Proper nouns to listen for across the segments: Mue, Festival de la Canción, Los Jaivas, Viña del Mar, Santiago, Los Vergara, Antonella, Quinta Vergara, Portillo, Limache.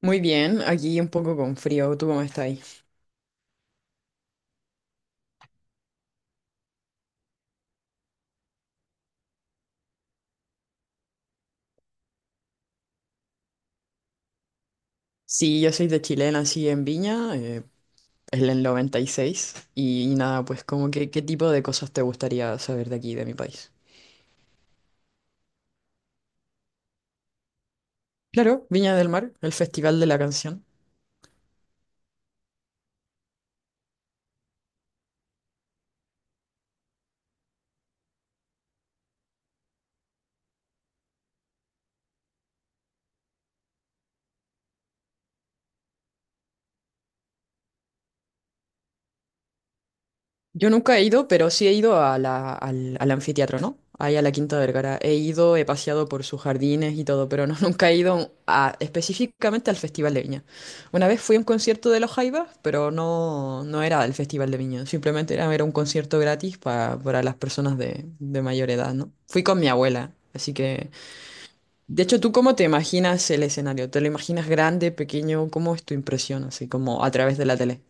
Muy bien, aquí un poco con frío, ¿tú cómo estáis? Sí, yo soy de Chile, nací en Viña, en el 96, y, seis, y, nada, pues como que, ¿qué tipo de cosas te gustaría saber de aquí, de mi país? Claro, Viña del Mar, el Festival de la Canción. Yo nunca he ido, pero sí he ido al anfiteatro, ¿no? Ahí a la Quinta Vergara. He ido, he paseado por sus jardines y todo, pero no, nunca he ido a- específicamente al Festival de Viña. Una vez fui a un concierto de Los Jaivas, pero no, no era el Festival de Viña, simplemente era, era un concierto gratis para las personas de mayor edad, ¿no? Fui con mi abuela, así que... De hecho, ¿tú cómo te imaginas el escenario? ¿Te lo imaginas grande, pequeño? ¿Cómo es tu impresión, así como a través de la tele?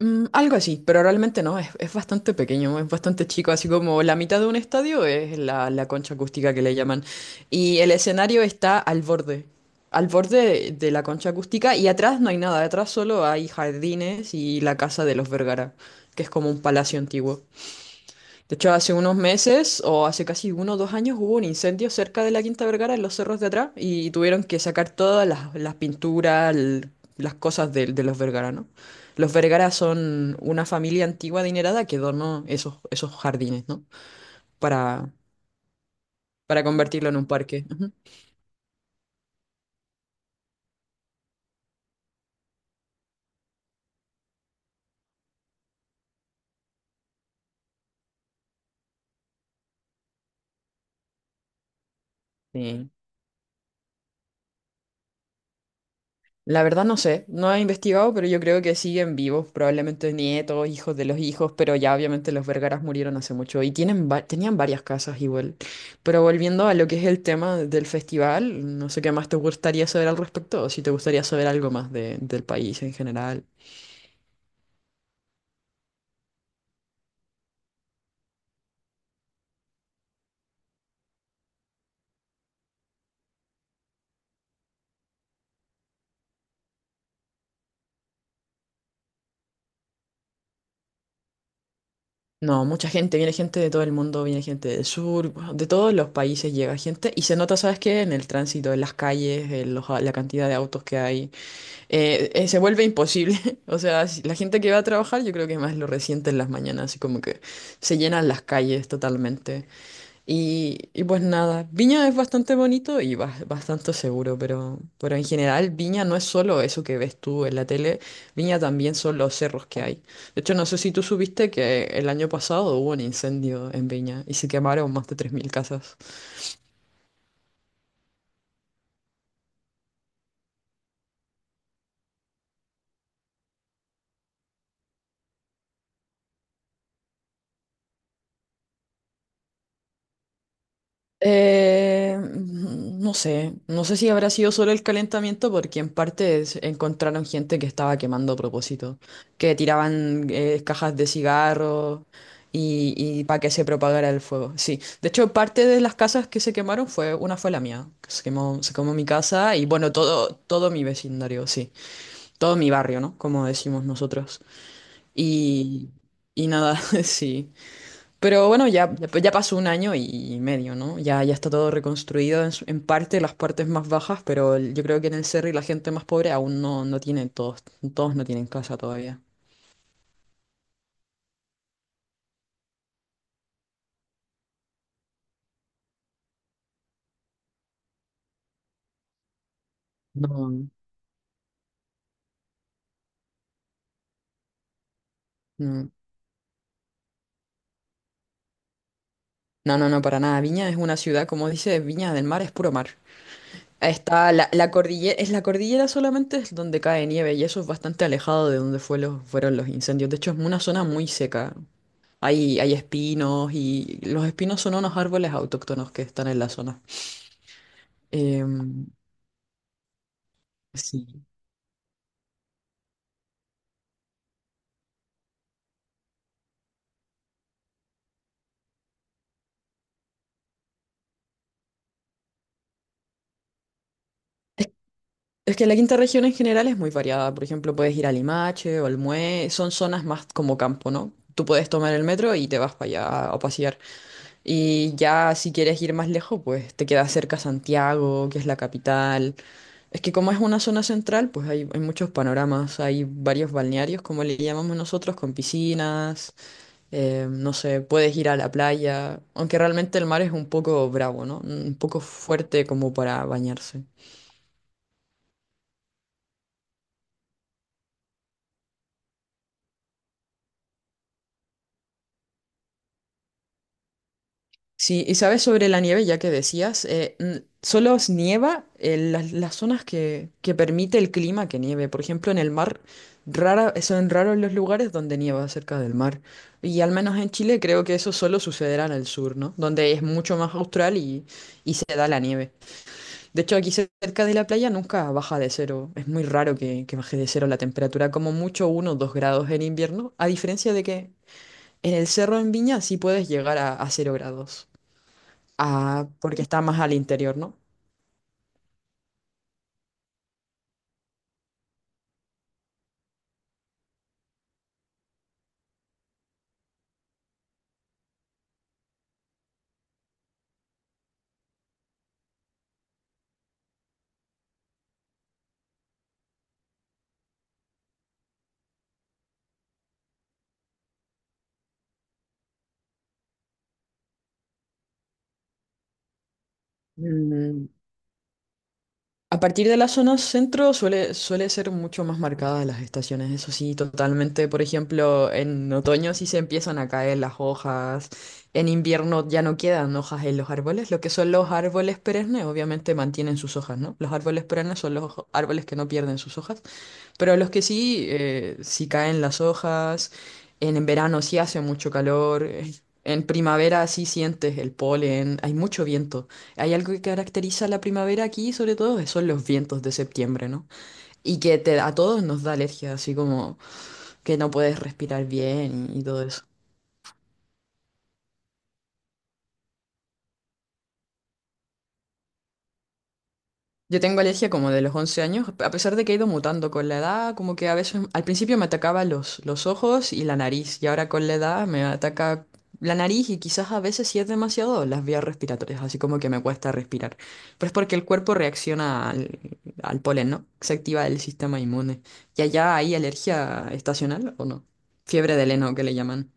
Mm, algo así, pero realmente no, es bastante pequeño, es bastante chico, así como la mitad de un estadio es la concha acústica que le llaman. Y el escenario está al borde de la concha acústica y atrás no hay nada, atrás solo hay jardines y la casa de los Vergara, que es como un palacio antiguo. De hecho, hace unos meses o hace casi 1 o 2 años hubo un incendio cerca de la Quinta Vergara en los cerros de atrás y tuvieron que sacar todas las pinturas, las cosas de los Vergara, ¿no? Los Vergara son una familia antigua adinerada que donó esos jardines, ¿no? Para, para convertirlo en un parque. Ujú. Sí. La verdad no sé, no he investigado, pero yo creo que siguen vivos, probablemente nietos, hijos de los hijos, pero ya obviamente los Vergaras murieron hace mucho y tienen tenían varias casas igual. Pero volviendo a lo que es el tema del festival, no sé qué más te gustaría saber al respecto o si te gustaría saber algo más de- del país en general. No, mucha gente, viene gente de todo el mundo, viene gente del sur, bueno, de todos los países llega gente y se nota, ¿sabes qué? En el tránsito, en las calles, en los- la cantidad de autos que hay. Se vuelve imposible. O sea, la gente que va a trabajar, yo creo que más lo resiente en las mañanas, así como que se llenan las calles totalmente. Y pues nada, Viña es bastante bonito y bastante seguro, pero en general Viña no es solo eso que ves tú en la tele, Viña también son los cerros que hay. De hecho, no sé si tú supiste que el año pasado hubo un incendio en Viña y se quemaron más de 3.000 casas. No sé, si habrá sido solo el calentamiento porque en parte encontraron gente que estaba quemando a propósito, que tiraban cajas de cigarros y para que se propagara el fuego. Sí, de hecho parte de las casas que se quemaron fue, una fue la mía, que se quemó mi casa y bueno, todo mi vecindario, sí, todo mi barrio, ¿no? Como decimos nosotros. Y, y nada, sí. Pero bueno, ya pasó un año y medio, ¿no? Ya está todo reconstruido en parte, las partes más bajas, pero el- yo creo que en el Cerro y la gente más pobre aún no, no tiene, todos, todos no tienen casa todavía. No. No, no, no, no, para nada. Viña es una ciudad, como dice, Viña del Mar es puro mar. Está la cordillera, es la cordillera solamente es donde cae nieve y eso es bastante alejado de donde fue fueron los incendios. De hecho, es una zona muy seca. Hay espinos y los espinos son unos árboles autóctonos que están en la zona. Em, sí. Es, es que la quinta región en general es muy variada. Por ejemplo, puedes ir a Limache o al Mue. Son zonas más como campo, ¿no? Tú puedes tomar el metro y te vas para allá a pasear. Y ya si quieres ir más lejos, pues te queda cerca Santiago, que es la capital. Es que como es una zona central, pues hay muchos panoramas. Hay varios balnearios, como le llamamos nosotros, con piscinas. Eh, no sé, puedes ir a la playa. Aunque realmente el mar es un poco bravo, ¿no? Un poco fuerte como para bañarse. Sí, y sabes sobre la nieve, ya que decías, solo nieva en las zonas que permite el clima que nieve. Por ejemplo, en el mar, rara, son raros los lugares donde nieva cerca del mar. Y al menos en Chile creo que eso solo sucederá en el sur, ¿no? Donde es mucho más austral y se da la nieve. De hecho, aquí cerca de la playa nunca baja de cero. Es muy raro que baje de cero la temperatura, como mucho 1 o 2 grados en invierno, a diferencia de que en el cerro en Viña sí puedes llegar a cero grados. Ah, porque está más al interior, ¿no? Mm, A partir de la zona centro suele ser mucho más marcadas las estaciones, eso sí, totalmente. Por ejemplo, en otoño sí se empiezan a caer las hojas, en invierno ya no quedan hojas en los árboles, lo que son los árboles perennes obviamente mantienen sus hojas, ¿no? Los árboles perennes son los ojo- árboles que no pierden sus hojas, pero los que sí, sí caen las hojas, en verano sí hace mucho calor, en primavera sí sientes el polen, hay mucho viento. Hay algo que caracteriza la primavera aquí, sobre todo, que son los vientos de septiembre, ¿no? Y que te, a todos nos da alergia, así como que, no puedes respirar bien y todo eso. Yo tengo alergia como de los 11 años, a pesar de que he ido mutando con la edad, como que a veces al principio me atacaba los ojos y la nariz, y ahora con la edad me ataca la nariz y quizás a veces si es demasiado las vías respiratorias, así como que me cuesta respirar. Pero es porque el cuerpo reacciona al polen, ¿no? Se activa el sistema inmune. ¿Y allá hay alergia estacional o no? Fiebre de heno que le llaman.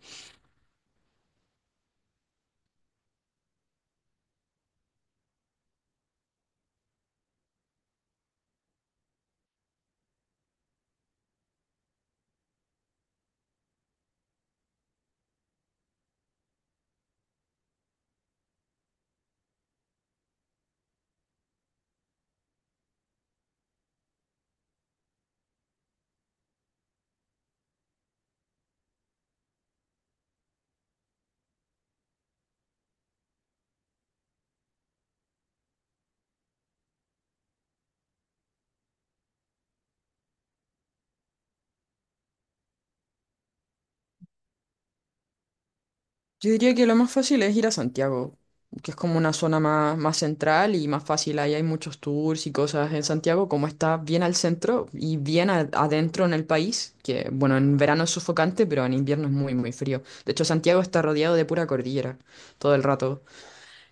Yo diría que lo más fácil es ir a Santiago, que es como una zona más, más central y más fácil. Ahí hay muchos tours y cosas en Santiago, como está bien al centro y bien adentro en el país, que bueno, en verano es sofocante, pero en invierno es muy, muy frío. De hecho, Santiago está rodeado de pura cordillera todo el rato.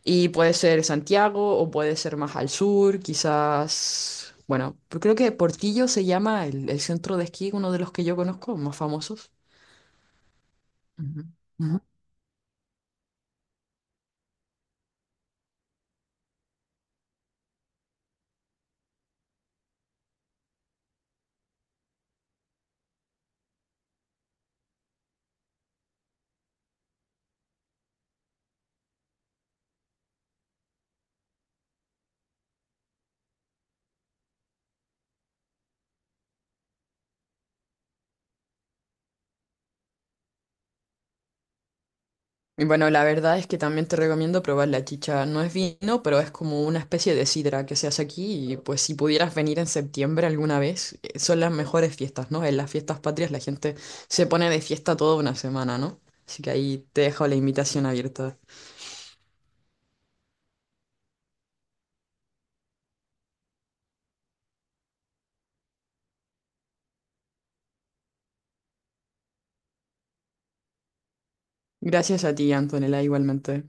Y puede ser Santiago o puede ser más al sur, quizás, bueno, pero creo que Portillo se llama el centro de esquí, uno de los que yo conozco, más famosos. Ujú. Y bueno, la verdad es que también te recomiendo probar la chicha. No es vino, pero es como una especie de sidra que se hace aquí y pues si pudieras venir en septiembre alguna vez, son las mejores fiestas, ¿no? En las fiestas patrias la gente se pone de fiesta toda una semana, ¿no? Así que ahí te dejo la invitación abierta. Gracias a ti, Antonella, igualmente.